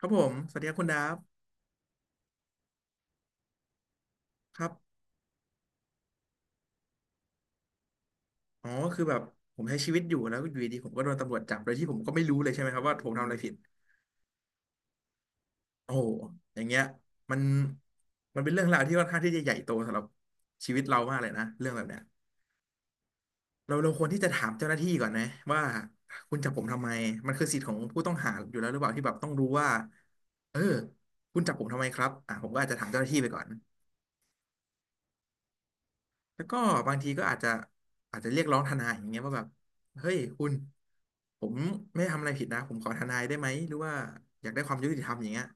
ครับผม สวัสดีครับคุณดาฟครับอ๋อคือแบบผมใช้ชีวิตอยู่แล้วอยู่ดีๆผมก็โดนตำรวจจับโดยที่ผมก็ไม่รู้เลยใช่ไหมครับว่าผมทำอะไรผิดโอ้โหอย่างเงี้ยมันมันเป็นเรื่องราวที่ค่อนข้างที่จะใหญ่โตสำหรับชีวิตเรามากเลยนะเรื่องแบบเนี้ยเราควรที่จะถามเจ้าหน้าที่ก่อนนะว่าคุณจับผมทำไมมันคือสิทธิ์ของผู้ต้องหาอยู่แล้วหรือเปล่าที่แบบต้องรู้ว่าเออคุณจับผมทำไมครับอ่ะผมก็อาจจะถามเจ้าหน้าที่ไปก่อน แล้วก็บางทีก็อาจจะเรียกร้องทนายอย่างเงี้ยว่าแบบเฮ้ยคุณผมไม่ทำอะไรผิดนะผมขอทนายได้ไหมหรือว่าอยากได้ความยุติธรรมอย่างเงี้ย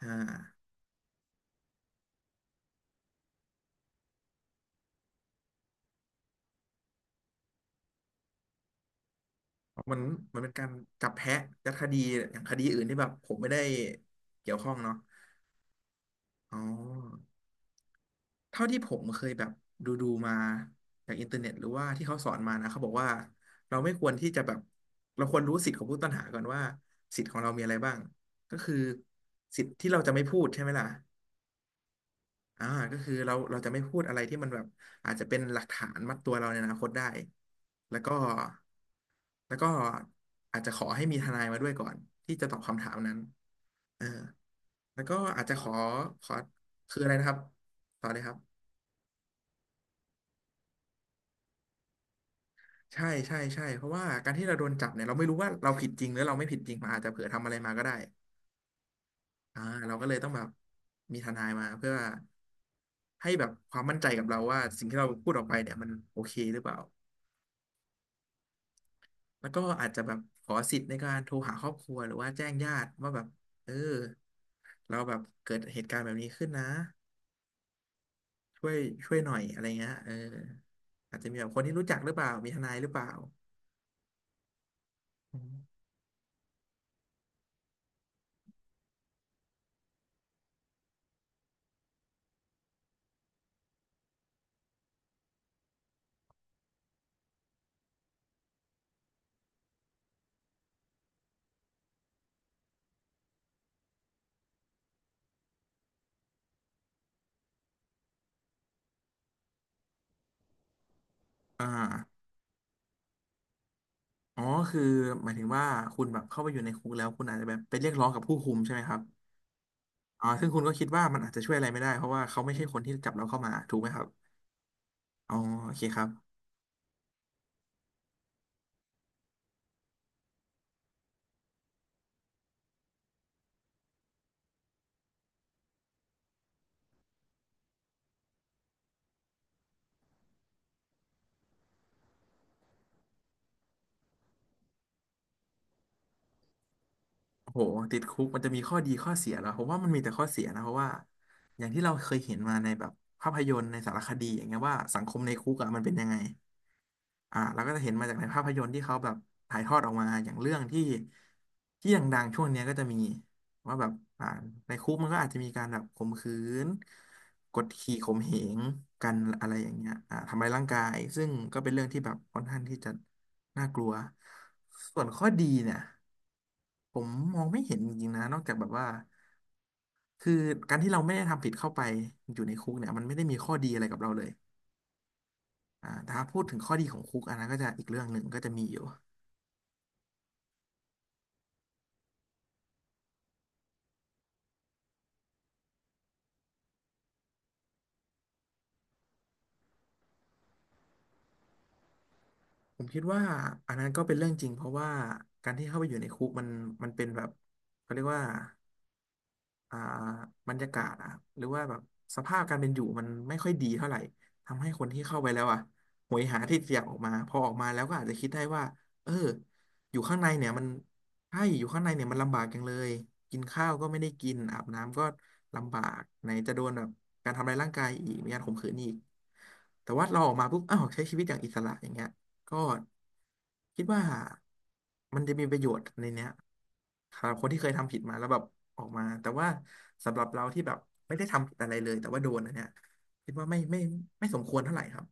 อ่ามันมันเป็นการจับแพะยัดคดีอย่างคดีอื่นที่แบบผมไม่ได้เกี่ยวข้องเนาะอ๋อเท่าที่ผมเคยแบบดูมาจากอินเทอร์เน็ตหรือว่าที่เขาสอนมานะเขาบอกว่าเราไม่ควรที่จะแบบเราควรรู้สิทธิ์ของผู้ต้องหาก่อนว่าสิทธิ์ของเรามีอะไรบ้างก็คือสิทธิ์ที่เราจะไม่พูดใช่ไหมล่ะ อ่าก็คือเราจะไม่พูดอะไรที่มันแบบอาจจะเป็นหลักฐานมัดตัวเราในอนาคตได้แล้วก็แล้วก็อาจจะขอให้มีทนายมาด้วยก่อนที่จะตอบคำถามนั้นเออแล้วก็อาจจะขอขอคืออะไรนะครับต่อเลยครับใช่ใช่ใช่เพราะว่าการที่เราโดนจับเนี่ยเราไม่รู้ว่าเราผิดจริงหรือเราไม่ผิดจริงมันอาจจะเผื่อทำอะไรมาก็ได้อ่าเราก็เลยต้องแบบมีทนายมาเพื่อให้แบบความมั่นใจกับเราว่าสิ่งที่เราพูดออกไปเนี่ยมันโอเคหรือเปล่า แล้วก็อาจจะแบบขอสิทธิ์ในการโทรหาครอบครัวหรือว่าแจ้งญาติว่าแบบเออเราแบบเกิดเหตุการณ์แบบนี้ขึ้นนะช่วยหน่อยอะไรเงี้ยเอออาจจะมีแบบคนที่รู้จักหรือเปล่ามีทนายหรือเปล่าอมอ่าอ๋อคือหมายถึงว่าคุณแบบเข้าไปอยู่ในคุกแล้วคุณอาจจะแบบไปเรียกร้องกับผู้คุมใช่ไหมครับอ๋อซึ่งคุณก็คิดว่ามันอาจจะช่วยอะไรไม่ได้เพราะว่าเขาไม่ใช่คนที่จับเราเข้ามาถูกไหมครับอ๋อโอเคครับ โหติดคุกมันจะมีข้อดีข้อเสียหรอผมว่ามันมีแต่ข้อเสียนะเพราะว่าอย่างที่เราเคยเห็นมาในแบบภาพยนตร์ในสารคดีอย่างเงี้ยว่าสังคมในคุกอะมันเป็นยังไงอ่าเราก็จะเห็นมาจากในภาพยนตร์ที่เขาแบบถ่ายทอดออกมาอย่างเรื่องที่ดังๆช่วงเนี้ยก็จะมีว่าแบบอ่าในคุกมันก็อาจจะมีการแบบข่มขืนกดขี่ข่มเหงกันอะไรอย่างเงี้ยอ่าทำร้ายร่างกายซึ่งก็เป็นเรื่องที่แบบค่อนข้างที่จะน่ากลัวส่วนข้อดีเนี่ย ผมมองไม่เห็นจริงๆนะนอกจากแบบว่าคือการที่เราไม่ได้ทำผิดเข้าไปอยู่ในคุกเนี่ยมันไม่ได้มีข้อดีอะไรกับเราเลยอ่าแต่ถ้าพูดถึงข้อดีของคุกอันนั้นก็จะอีกเรื่องหนึ่งก็จะมีอยู่ผมคิดว่าอันนั้นก็เป็นเรื่องจริงเพราะว่าการที่เข้าไปอยู่ในคุกมันเป็นแบบเขาเรียกว่า อ่าบรรยากาศอะหรือว่าแบบสภาพการเป็นอยู่มันไม่ค่อยดีเท่าไหร่ทำให้คนที่เข้าไปแล้วอ่ะโหยหาที่จะอยากออกมาพอออกมาแล้วก็อาจจะคิดได้ว่าเอออยู่ข้างในเนี่ยมันอยู่ข้างในเนี่ยมันลำบากจังเลยกินข้าวก็ไม่ได้กินอาบน้ำก็ลำบากไหนจะโดนแบบการทำลายร่างกายอีกมีการข่มขืนอีกแต่ว่าเราออกมาปุ๊บอ้าวใช้ชีวิตอย่างอิสระอย่างเงี้ย ก็คิดว่ามันจะมีประโยชน์ในเนี้ยสำหรับคนที่เคยทำผิดมาแล้วแบบออกมาแต่ว่าสำหรับเราที่แบบไม่ได้ทำผิดอะไรเลยแต่ว่าโดนอันเนี้ยคิดว่าไม่สมควรเท่าไหร่ครับ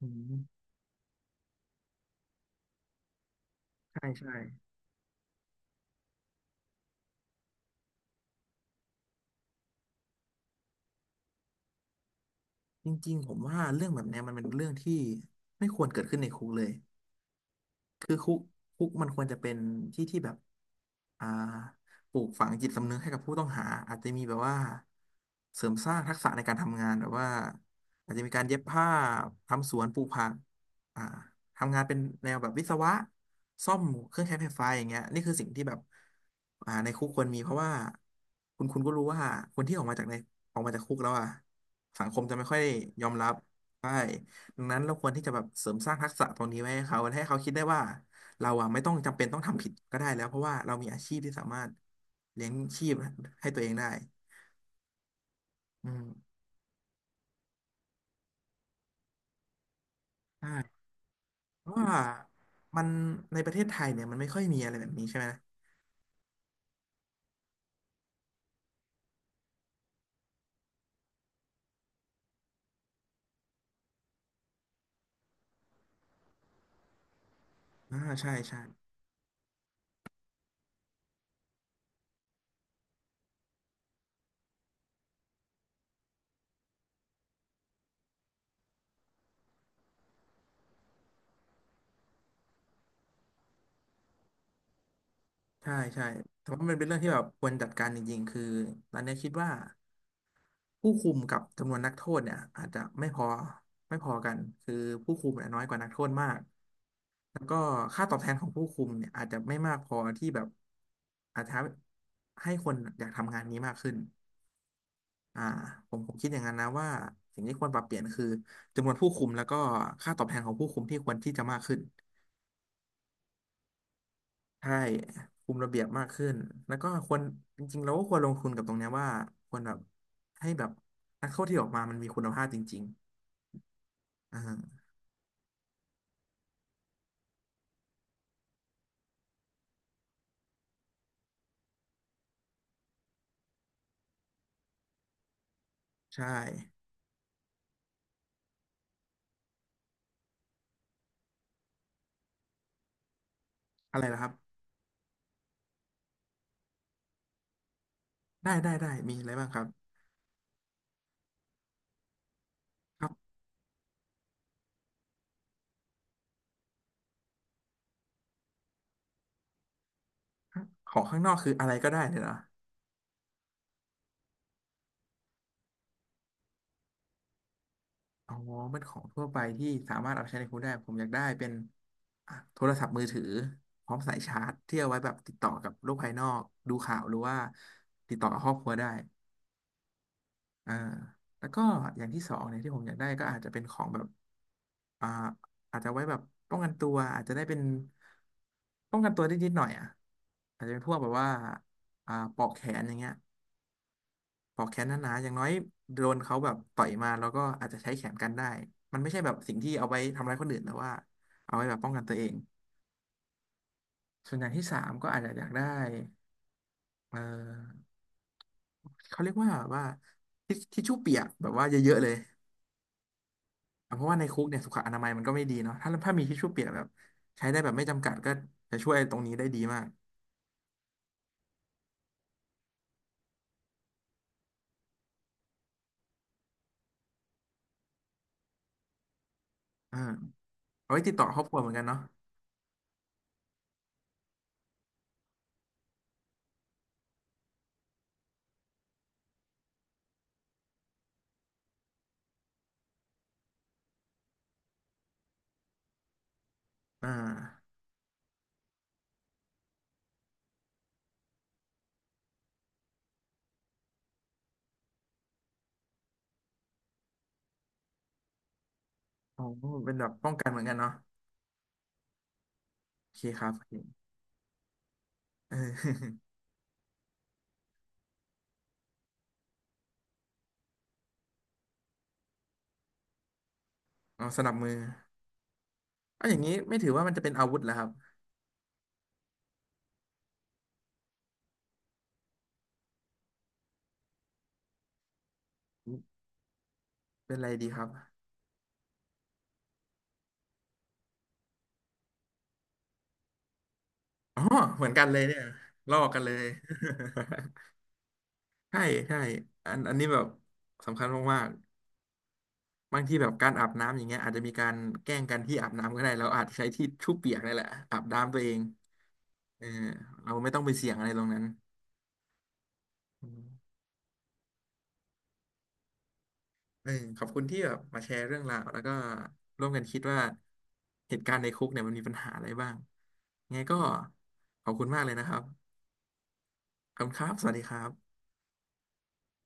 อืมใช่ใช่จริงๆผมว่าเรื่องแบบเนี้ยมันเป็นเรื่องที่ไม่ควรเกิดขึ้นในคุกเลย คือคุกมันควรจะเป็นที่ที่แบบอ่าปลูกฝังจิตสำนึกให้กับผู้ต้องหา อาจจะมีแบบว่าเสริมสร้างทักษะในการทำงาน แบบว่าอาจจะมีการเย็บผ้าทำสวนปลูกผักอ่าทำงานเป็นแนวแบบวิศวะซ่อมเครื่องใช้ไฟฟ้าอย่างเงี้ยนี่คือสิ่งที่แบบในคุกควรมีเพราะว่าคุณก็รู้ว่าคนที่ออกมาจากในออกมาจากคุกแล้วอ่ะสังคมจะไม่ค่อยยอมรับใช่ ดังนั้นเราควรที่จะแบบเสริมสร้างทักษะตรงนี้ไว้ให้เขา ให้เขาคิดได้ว่าเราอะไม่ต้องจำเป็นต้องทำผิดก็ได้แล้ว เพราะว่าเรามีอาชีพที่สามารถเลี้ยงชีพให้ตัวเองได้อืมใช่เพราะว่ามันในประเทศไทยเนี่ยมันไม่ค่อยมีอะไรแบบนี้ใช่ไหมอ่าใช่ใช่ใช่ใช่แต่ว่ามันเป็นเรื่องที่แบบควรจัดการจริงๆ คือตอนเนี้ยคิดว่า ผู้คุมกับจำนวนนักโทษเนี่ยอาจจะไม่พอกันคือผู้คุมเนี่ยน้อยกว่านักโทษมากแล้วก็ค่าตอบแทนของผู้คุมเนี่ยอาจจะไม่มากพอที่แบบอาจจะให้คนอยากทำงานนี้มากขึ้นอ่าผมคิดอย่างนั้นนะว่าสิ่งที่ควรปรับเปลี่ยนคือจำนวนผู้คุมแล้วก็ค่าตอบแทนของผู้คุมที่ควรที่จะมากขึ้นใช่คุมระเบียบมากขึ้นแล้วก็ควรจริงๆเราก็ควรลงทุนกับตรงเนี้ยว่าควรแบบให้แบบนักโทษที่ออกมามันมีคุณภาพจริงๆใช่อะไรนะครับได้ได้ได้มีอะไรบ้างครับครับของข้างนอกคืออะไรก็ได้เลยนะอ๋อมันของทั่วไปที่สามารถเอาไปใช้ในครัวได้ผมอยากได้เป็นอ่ะโทรศัพท์มือถือพร้อมสายชาร์จที่เอาไว้แบบติดต่อกับโลกภายนอกดูข่าวหรือว่าติดต่อกับครอบครัวได้อ่าแล้วก็อย่างที่สองเนี่ยที่ผมอยากได้ก็อาจจะเป็นของแบบอ่าอาจจะไว้แบบป้องกันตัวอาจจะได้เป็นป้องกันตัวได้นิดหน่อยอ่ะอาจจะเป็นพวกแบบว่าปลอกแขนอย่างเงี้ย พอกแขนหนาๆอย่างน้อยโดนเขาแบบต่อยมาแล้วก็อาจจะใช้แขนกันได้มันไม่ใช่แบบสิ่งที่เอาไว้ทำร้ายคนอื่นแต่ว่าเอาไว้แบบป้องกันตัวเองส่วนอย่างที่สามก็อาจจะอยากได้เออเขาเรียกว่าทิชชู่เปียกแบบว่าเยอะๆเลยอ่ะเพราะว่าในคุกเนี่ยสุขอนามัยมันก็ไม่ดีเนาะถ้ามีทิชชู่เปียกแบบใช้ได้แบบไม่จำกัดก็จะช่วยตรงนี้ได้ดีมากอ่าเอาไว้ติดต่อครอบครัวเหมือนกันเนาะอ่าอ๋อเป็นแบบป้องกันเหมือนกันเนาะโอเคครับโอเคเออ เอาสนับมือ เอาอย่างนี้ไม่ถือว่ามันจะเป็นอาวุธแล้วครับเป็นอะไรดีครับอ๋อเหมือนกันเลยเนี่ยลอกกันเลย ใช่ใช่อันนี้แบบสำคัญมากๆบางทีแบบการอาบน้ำอย่างเงี้ยอาจจะมีการแกล้งกันที่อาบน้ำก็ได้เราอาจจะใช้ที่ชุบเปียกนี่แหละอาบน้ำตัวเองเออเราไม่ต้องไปเสี่ยงอะไรตรงนั้นอืมเออขอบคุณที่แบบมาแชร์เรื่องราวแล้วก็ร่วมกันคิดว่าเหตุการณ์ในคุกเนี่ยมันมีปัญหาอะไรบ้างไงก็ขอบคุณมากเลยนะครับขอบคุณครับสวัสดีครับ